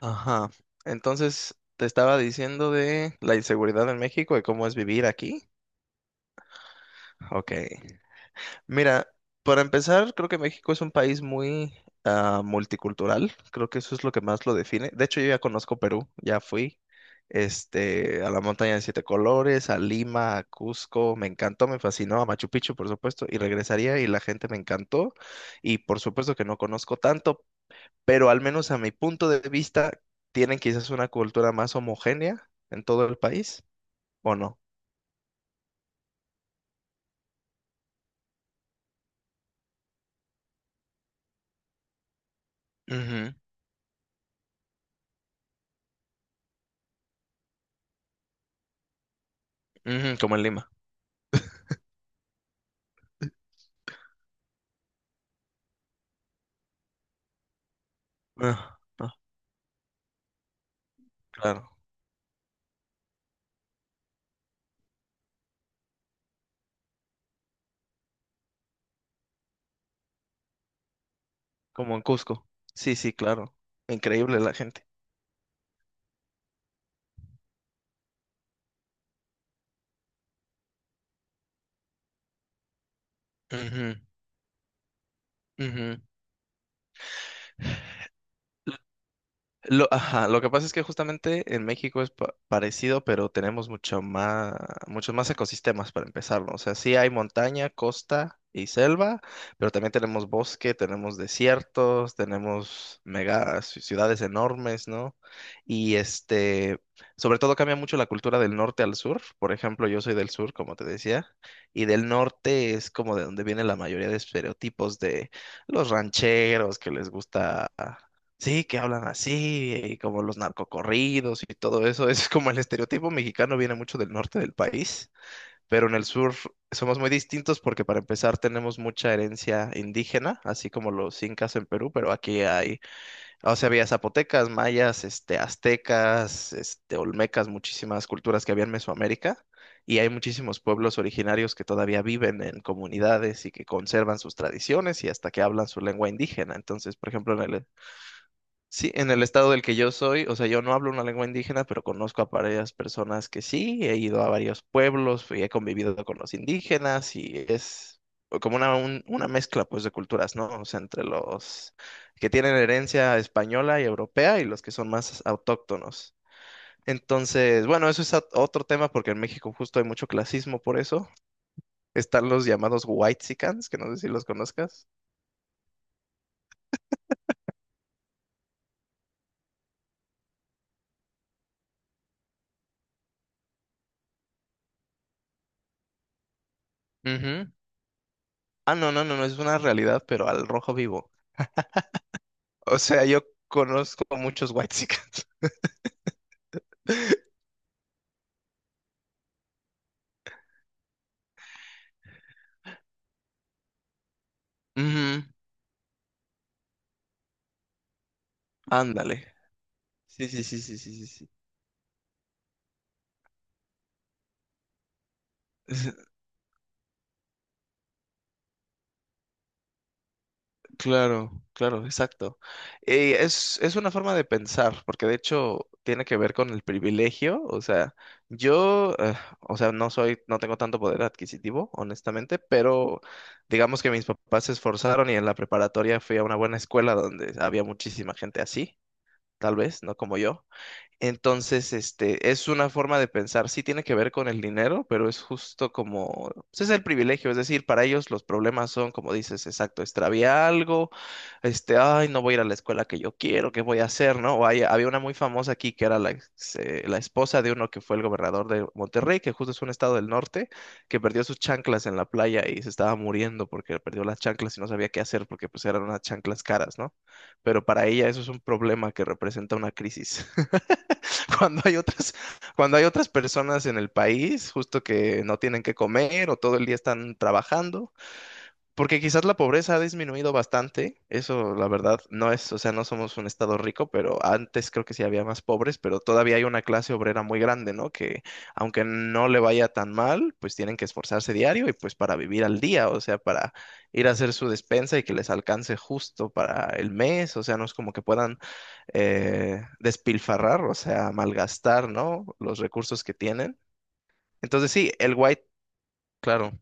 Ajá. Entonces, te estaba diciendo de la inseguridad en México y cómo es vivir aquí. Ok. Mira, para empezar, creo que México es un país muy multicultural. Creo que eso es lo que más lo define. De hecho, yo ya conozco Perú, ya fui. A la montaña de siete colores, a Lima, a Cusco, me encantó, me fascinó, a Machu Picchu, por supuesto, y regresaría y la gente me encantó, y por supuesto que no conozco tanto, pero al menos a mi punto de vista, tienen quizás una cultura más homogénea en todo el país, ¿o no? Ujú, ujú, como en Lima. Ah, ah, claro, como en Cusco. Sí, sí, claro. Increíble la gente. Ujú, ujú. Lo, ajá, lo que pasa es que justamente en México es parecido, pero tenemos mucho más, muchos más ecosistemas para empezar, ¿no? O sea, sí hay montaña, costa y selva, pero también tenemos bosque, tenemos desiertos, tenemos mega ciudades enormes, ¿no? Y sobre todo cambia mucho la cultura del norte al sur. Por ejemplo, yo soy del sur, como te decía, y del norte es como de donde viene la mayoría de estereotipos de los rancheros que les gusta. Sí, que hablan así, y como los narcocorridos y todo eso. Es como el estereotipo mexicano viene mucho del norte del país, pero en el sur somos muy distintos porque para empezar tenemos mucha herencia indígena, así como los incas en Perú, pero aquí hay, o sea, había zapotecas, mayas, aztecas, olmecas, muchísimas culturas que había en Mesoamérica. Y hay muchísimos pueblos originarios que todavía viven en comunidades y que conservan sus tradiciones y hasta que hablan su lengua indígena. Entonces, por ejemplo, en el Sí, en el estado del que yo soy, o sea, yo no hablo una lengua indígena, pero conozco a varias personas que sí, he ido a varios pueblos y he convivido con los indígenas y es como una, una mezcla pues de culturas, ¿no? O sea, entre los que tienen herencia española y europea y los que son más autóctonos. Entonces, bueno, eso es otro tema porque en México justo hay mucho clasismo por eso. Están los llamados whitexicans, que no sé si los conozcas. Ujú. Ah, no, no, no, no, es una realidad, pero al rojo vivo. O sea, yo conozco a muchos whitexicans. Ujú, ándale. Sí, sí, sí, sí, sí, sí. Sí. Es- Claro, claro, exacto. Es una forma de pensar, porque de hecho tiene que ver con el privilegio. O sea, yo, o sea, no soy, no tengo tanto poder adquisitivo, honestamente, pero digamos que mis papás se esforzaron y en la preparatoria fui a una buena escuela donde había muchísima gente así, tal vez, no como yo. Entonces, es una forma de pensar, sí tiene que ver con el dinero, pero es justo como, ese es el privilegio, es decir, para ellos los problemas son, como dices, exacto, extravié algo, ay, no voy a ir a la escuela que yo quiero, ¿qué voy a hacer, no? O había una muy famosa aquí que era la, la esposa de uno que fue el gobernador de Monterrey, que justo es un estado del norte, que perdió sus chanclas en la playa y se estaba muriendo porque perdió las chanclas y no sabía qué hacer porque pues eran unas chanclas caras, ¿no? Pero para ella eso es un problema que representa una crisis. Cuando hay otras, cuando hay otras personas en el país, justo que no tienen que comer o todo el día están trabajando, porque quizás la pobreza ha disminuido bastante, eso la verdad no es, o sea, no somos un estado rico, pero antes creo que sí había más pobres, pero todavía hay una clase obrera muy grande, ¿no? Que aunque no le vaya tan mal, pues tienen que esforzarse diario y pues para vivir al día, o sea, para ir a hacer su despensa y que les alcance justo para el mes, o sea, no es como que puedan despilfarrar, o sea, malgastar, ¿no? Los recursos que tienen. Entonces sí, el white, claro.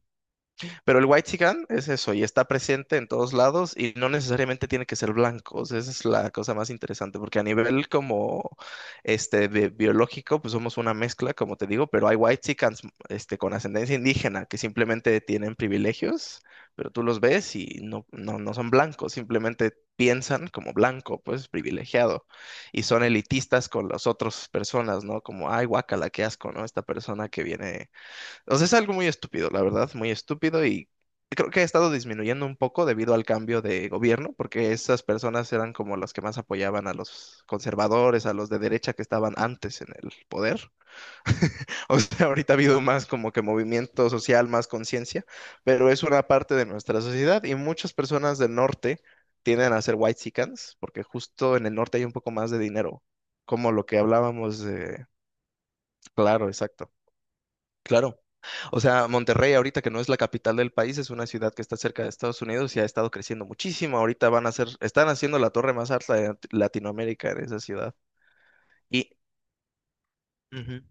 Pero el whitexican es eso, y está presente en todos lados, y no necesariamente tiene que ser blanco. O sea, esa es la cosa más interesante, porque a nivel como biológico, pues somos una mezcla, como te digo, pero hay whitexicans con ascendencia indígena que simplemente tienen privilegios, pero tú los ves y no son blancos, simplemente piensan como blanco, pues privilegiado, y son elitistas con las otras personas, ¿no? Como, ay, guácala, qué asco, ¿no? Esta persona que viene o sea, es algo muy estúpido, la verdad, muy estúpido y creo que ha estado disminuyendo un poco debido al cambio de gobierno, porque esas personas eran como las que más apoyaban a los conservadores, a los de derecha que estaban antes en el poder. O sea, ahorita ha habido más como que movimiento social, más conciencia, pero es una parte de nuestra sociedad y muchas personas del norte tienden a ser whitexicans porque justo en el norte hay un poco más de dinero, como lo que hablábamos de... Claro, exacto. Claro, o sea, Monterrey ahorita que no es la capital del país, es una ciudad que está cerca de Estados Unidos y ha estado creciendo muchísimo. Ahorita van a hacer, están haciendo la torre más alta de Latinoamérica en esa ciudad. Y, ujú,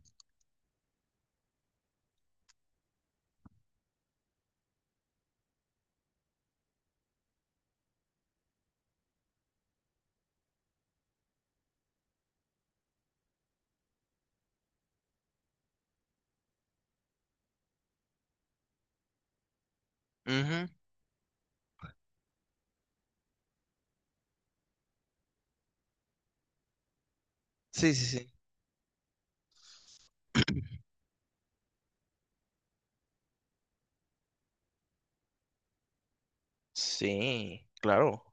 ujú, sí, sí, sí. Sí, claro.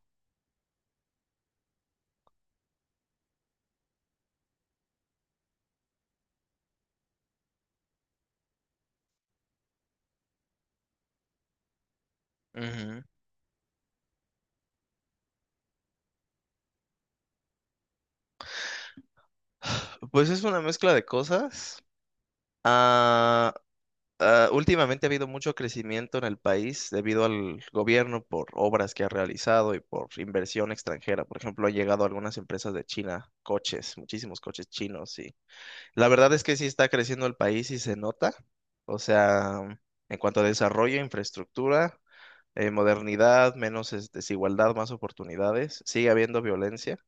Ujú. Pues es una mezcla de cosas. Ah, ah, últimamente ha habido mucho crecimiento en el país debido al gobierno por obras que ha realizado y por inversión extranjera. Por ejemplo, han llegado algunas empresas de China, coches, muchísimos coches chinos y la verdad es que sí está creciendo el país y se nota. O sea, en cuanto a desarrollo, infraestructura, modernidad, menos desigualdad, más oportunidades, sigue habiendo violencia.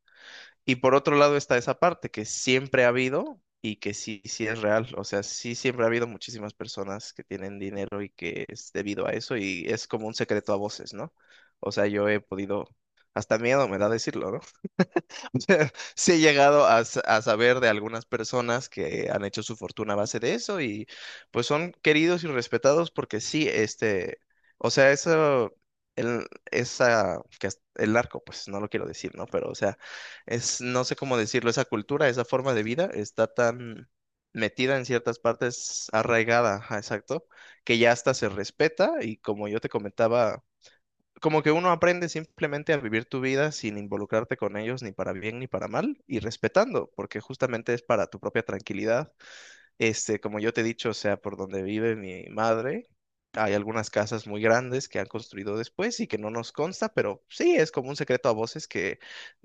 Y por otro lado está esa parte que siempre ha habido y que sí, sí es real. O sea, sí siempre ha habido muchísimas personas que tienen dinero y que es debido a eso y es como un secreto a voces, ¿no? O sea, yo he podido, hasta miedo me da decirlo, o sea, sí he llegado a, a saber de algunas personas que han hecho su fortuna a base de eso y pues son queridos y respetados porque sí, o sea, eso, el, esa, el narco, pues no lo quiero decir, ¿no? Pero, o sea, es, no sé cómo decirlo, esa cultura, esa forma de vida está tan metida en ciertas partes, arraigada, ajá, exacto, que ya hasta se respeta y como yo te comentaba como que uno aprende simplemente a vivir tu vida sin involucrarte con ellos ni para bien ni para mal y respetando, porque justamente es para tu propia tranquilidad. Como yo te he dicho, o sea, por donde vive mi madre, hay algunas casas muy grandes que han construido después y que no nos consta, pero sí, es como un secreto a voces que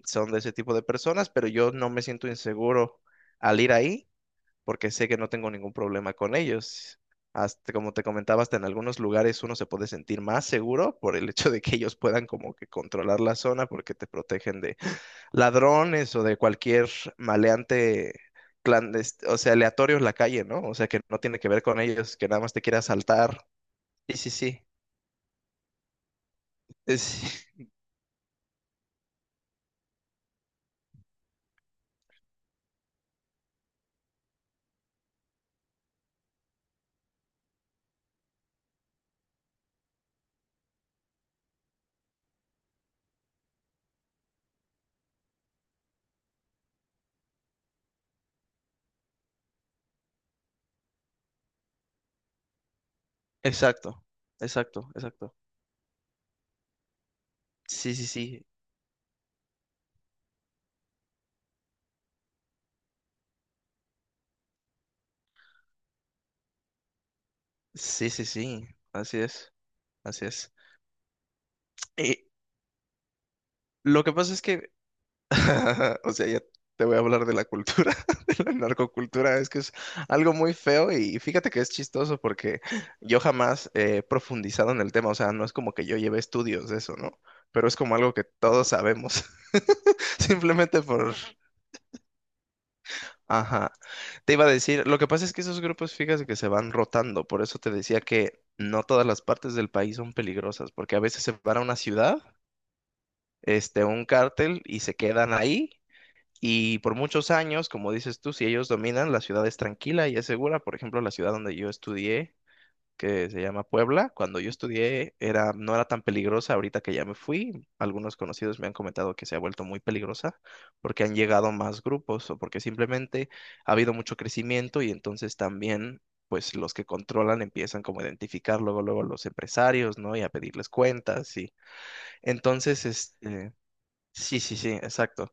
son de ese tipo de personas, pero yo no me siento inseguro al ir ahí porque sé que no tengo ningún problema con ellos. Hasta, como te comentaba, hasta en algunos lugares uno se puede sentir más seguro por el hecho de que ellos puedan como que controlar la zona porque te protegen de ladrones o de cualquier maleante clandestino, o sea, aleatorio en la calle, ¿no? O sea, que no tiene que ver con ellos, que nada más te quiere asaltar. Sí, sí, sí. Es- exacto, exacto, exacto. Sí, sí, sí. Sí, sí, sí. Así es, así es. Y lo que pasa es que o sea, ya te voy a hablar de la cultura, de la narcocultura. Es que es algo muy feo y fíjate que es chistoso porque yo jamás he profundizado en el tema. O sea, no es como que yo lleve estudios de eso, ¿no? Pero es como algo que todos sabemos. Simplemente por... Ajá. Te iba a decir, lo que pasa es que esos grupos, fíjate que se van rotando. Por eso te decía que no todas las partes del país son peligrosas, porque a veces se van a una ciudad, un cártel y se quedan ahí y por muchos años, como dices tú, si ellos dominan, la ciudad es tranquila y es segura. Por ejemplo, la ciudad donde yo estudié, que se llama Puebla, cuando yo estudié era, no era tan peligrosa. Ahorita que ya me fui, algunos conocidos me han comentado que se ha vuelto muy peligrosa porque han llegado más grupos o porque simplemente ha habido mucho crecimiento y entonces también, pues los que controlan empiezan como a identificar luego, luego a los empresarios, ¿no? Y a pedirles cuentas y entonces, sí, sí, sí, exacto.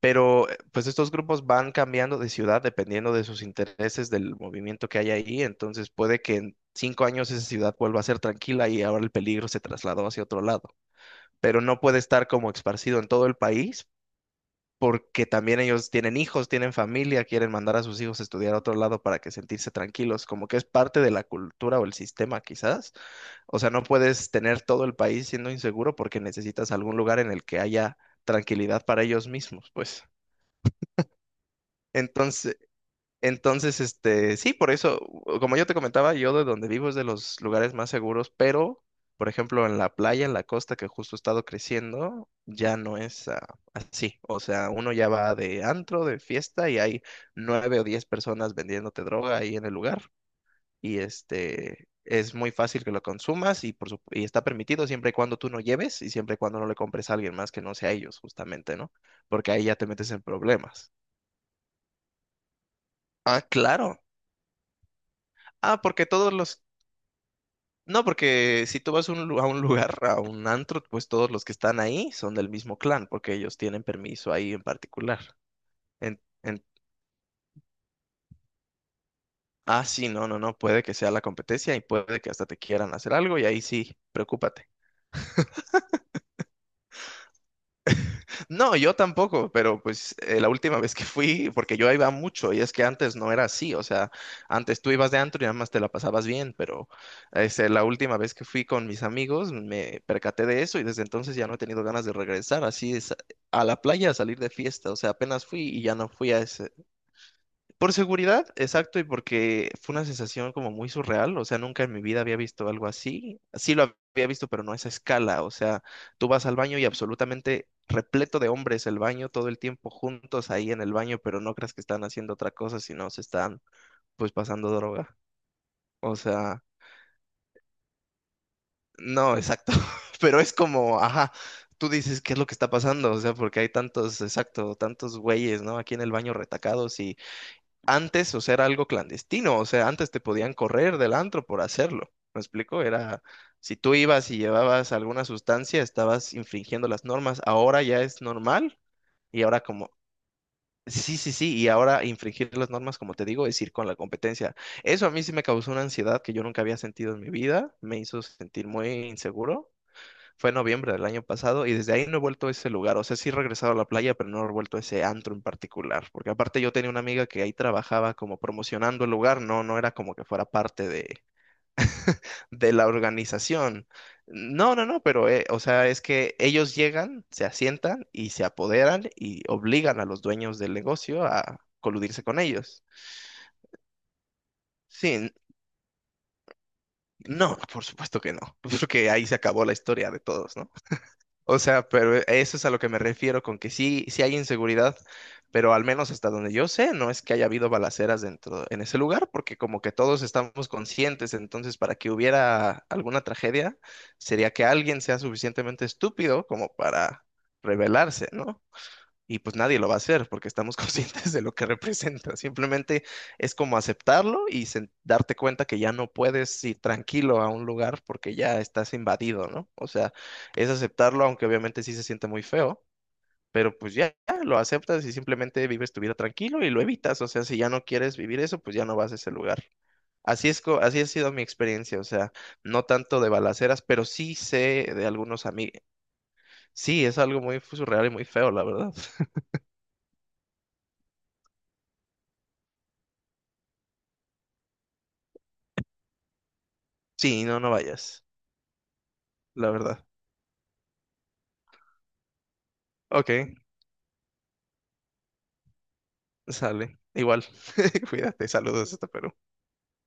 Pero pues estos grupos van cambiando de ciudad dependiendo de sus intereses, del movimiento que hay ahí. Entonces puede que en 5 años esa ciudad vuelva a ser tranquila y ahora el peligro se trasladó hacia otro lado. Pero no puede estar como esparcido en todo el país porque también ellos tienen hijos, tienen familia, quieren mandar a sus hijos a estudiar a otro lado para que sentirse tranquilos, como que es parte de la cultura o el sistema quizás. O sea, no puedes tener todo el país siendo inseguro porque necesitas algún lugar en el que haya tranquilidad para ellos mismos, pues. Entonces, sí, por eso, como yo te comentaba, yo de donde vivo es de los lugares más seguros, pero, por ejemplo, en la playa, en la costa, que justo he estado creciendo, ya no es así. O sea, uno ya va de antro, de fiesta, y hay 9 o 10 personas vendiéndote droga ahí en el lugar. Y es muy fácil que lo consumas y, y está permitido siempre y cuando tú no lleves y siempre y cuando no le compres a alguien más que no sea ellos, justamente, ¿no? Porque ahí ya te metes en problemas. Ah, claro. Ah, porque todos los... No, porque si tú vas a a un lugar, a un antro, pues todos los que están ahí son del mismo clan, porque ellos tienen permiso ahí en particular. En, en- ah, sí, no, puede que sea la competencia y puede que hasta te quieran hacer algo y ahí sí, preocúpate. No, yo tampoco, pero pues la última vez que fui, porque yo iba mucho, y es que antes no era así, o sea, antes tú ibas de antro y nada más te la pasabas bien, pero la última vez que fui con mis amigos me percaté de eso y desde entonces ya no he tenido ganas de regresar así es, a la playa a salir de fiesta, o sea, apenas fui y ya no fui a ese, por seguridad, exacto, y porque fue una sensación como muy surreal, o sea, nunca en mi vida había visto algo así. Sí lo había visto, pero no a esa escala, o sea, tú vas al baño y absolutamente repleto de hombres el baño todo el tiempo juntos ahí en el baño, pero no creas que están haciendo otra cosa, sino se están pues pasando droga. O sea, no, exacto, pero es como, ajá, tú dices, ¿qué es lo que está pasando? O sea, porque hay tantos, exacto, tantos güeyes, ¿no? Aquí en el baño retacados antes, o sea, era algo clandestino, o sea, antes te podían correr del antro por hacerlo, ¿me explico? Era, si tú ibas y llevabas alguna sustancia, estabas infringiendo las normas, ahora ya es normal y ahora como, sí, sí, sí, y ahora infringir las normas, como te digo, es ir con la competencia. Eso a mí sí me causó una ansiedad que yo nunca había sentido en mi vida, me hizo sentir muy inseguro. Fue en noviembre del año pasado y desde ahí no he vuelto a ese lugar. O sea, sí he regresado a la playa, pero no he vuelto a ese antro en particular. Porque aparte yo tenía una amiga que ahí trabajaba como promocionando el lugar, no, no era como que fuera parte de la organización. No, pero o sea, es que ellos llegan, se asientan y se apoderan y obligan a los dueños del negocio a coludirse con ellos. Sí, n- no, por supuesto que no. Porque ahí se acabó la historia de todos, ¿no? O sea, pero eso es a lo que me refiero con que sí, sí hay inseguridad, pero al menos hasta donde yo sé, no es que haya habido balaceras dentro en ese lugar, porque como que todos estamos conscientes, entonces para que hubiera alguna tragedia, sería que alguien sea suficientemente estúpido como para rebelarse, ¿no? Y pues nadie lo va a hacer porque estamos conscientes de lo que representa. Simplemente es como aceptarlo y darte cuenta que ya no puedes ir tranquilo a un lugar porque ya estás invadido, ¿no? O sea, es aceptarlo, aunque obviamente sí se siente muy feo, pero pues ya lo aceptas y simplemente vives tu vida tranquilo y lo evitas. O sea, si ya no quieres vivir eso, pues ya no vas a ese lugar. Así es, así ha sido mi experiencia, o sea, no tanto de balaceras, pero sí sé de algunos amigos. Sí, es algo muy surreal y muy feo, la verdad. Sí, no, no vayas. La verdad. Ok, sale. Igual, cuídate, saludos hasta Perú.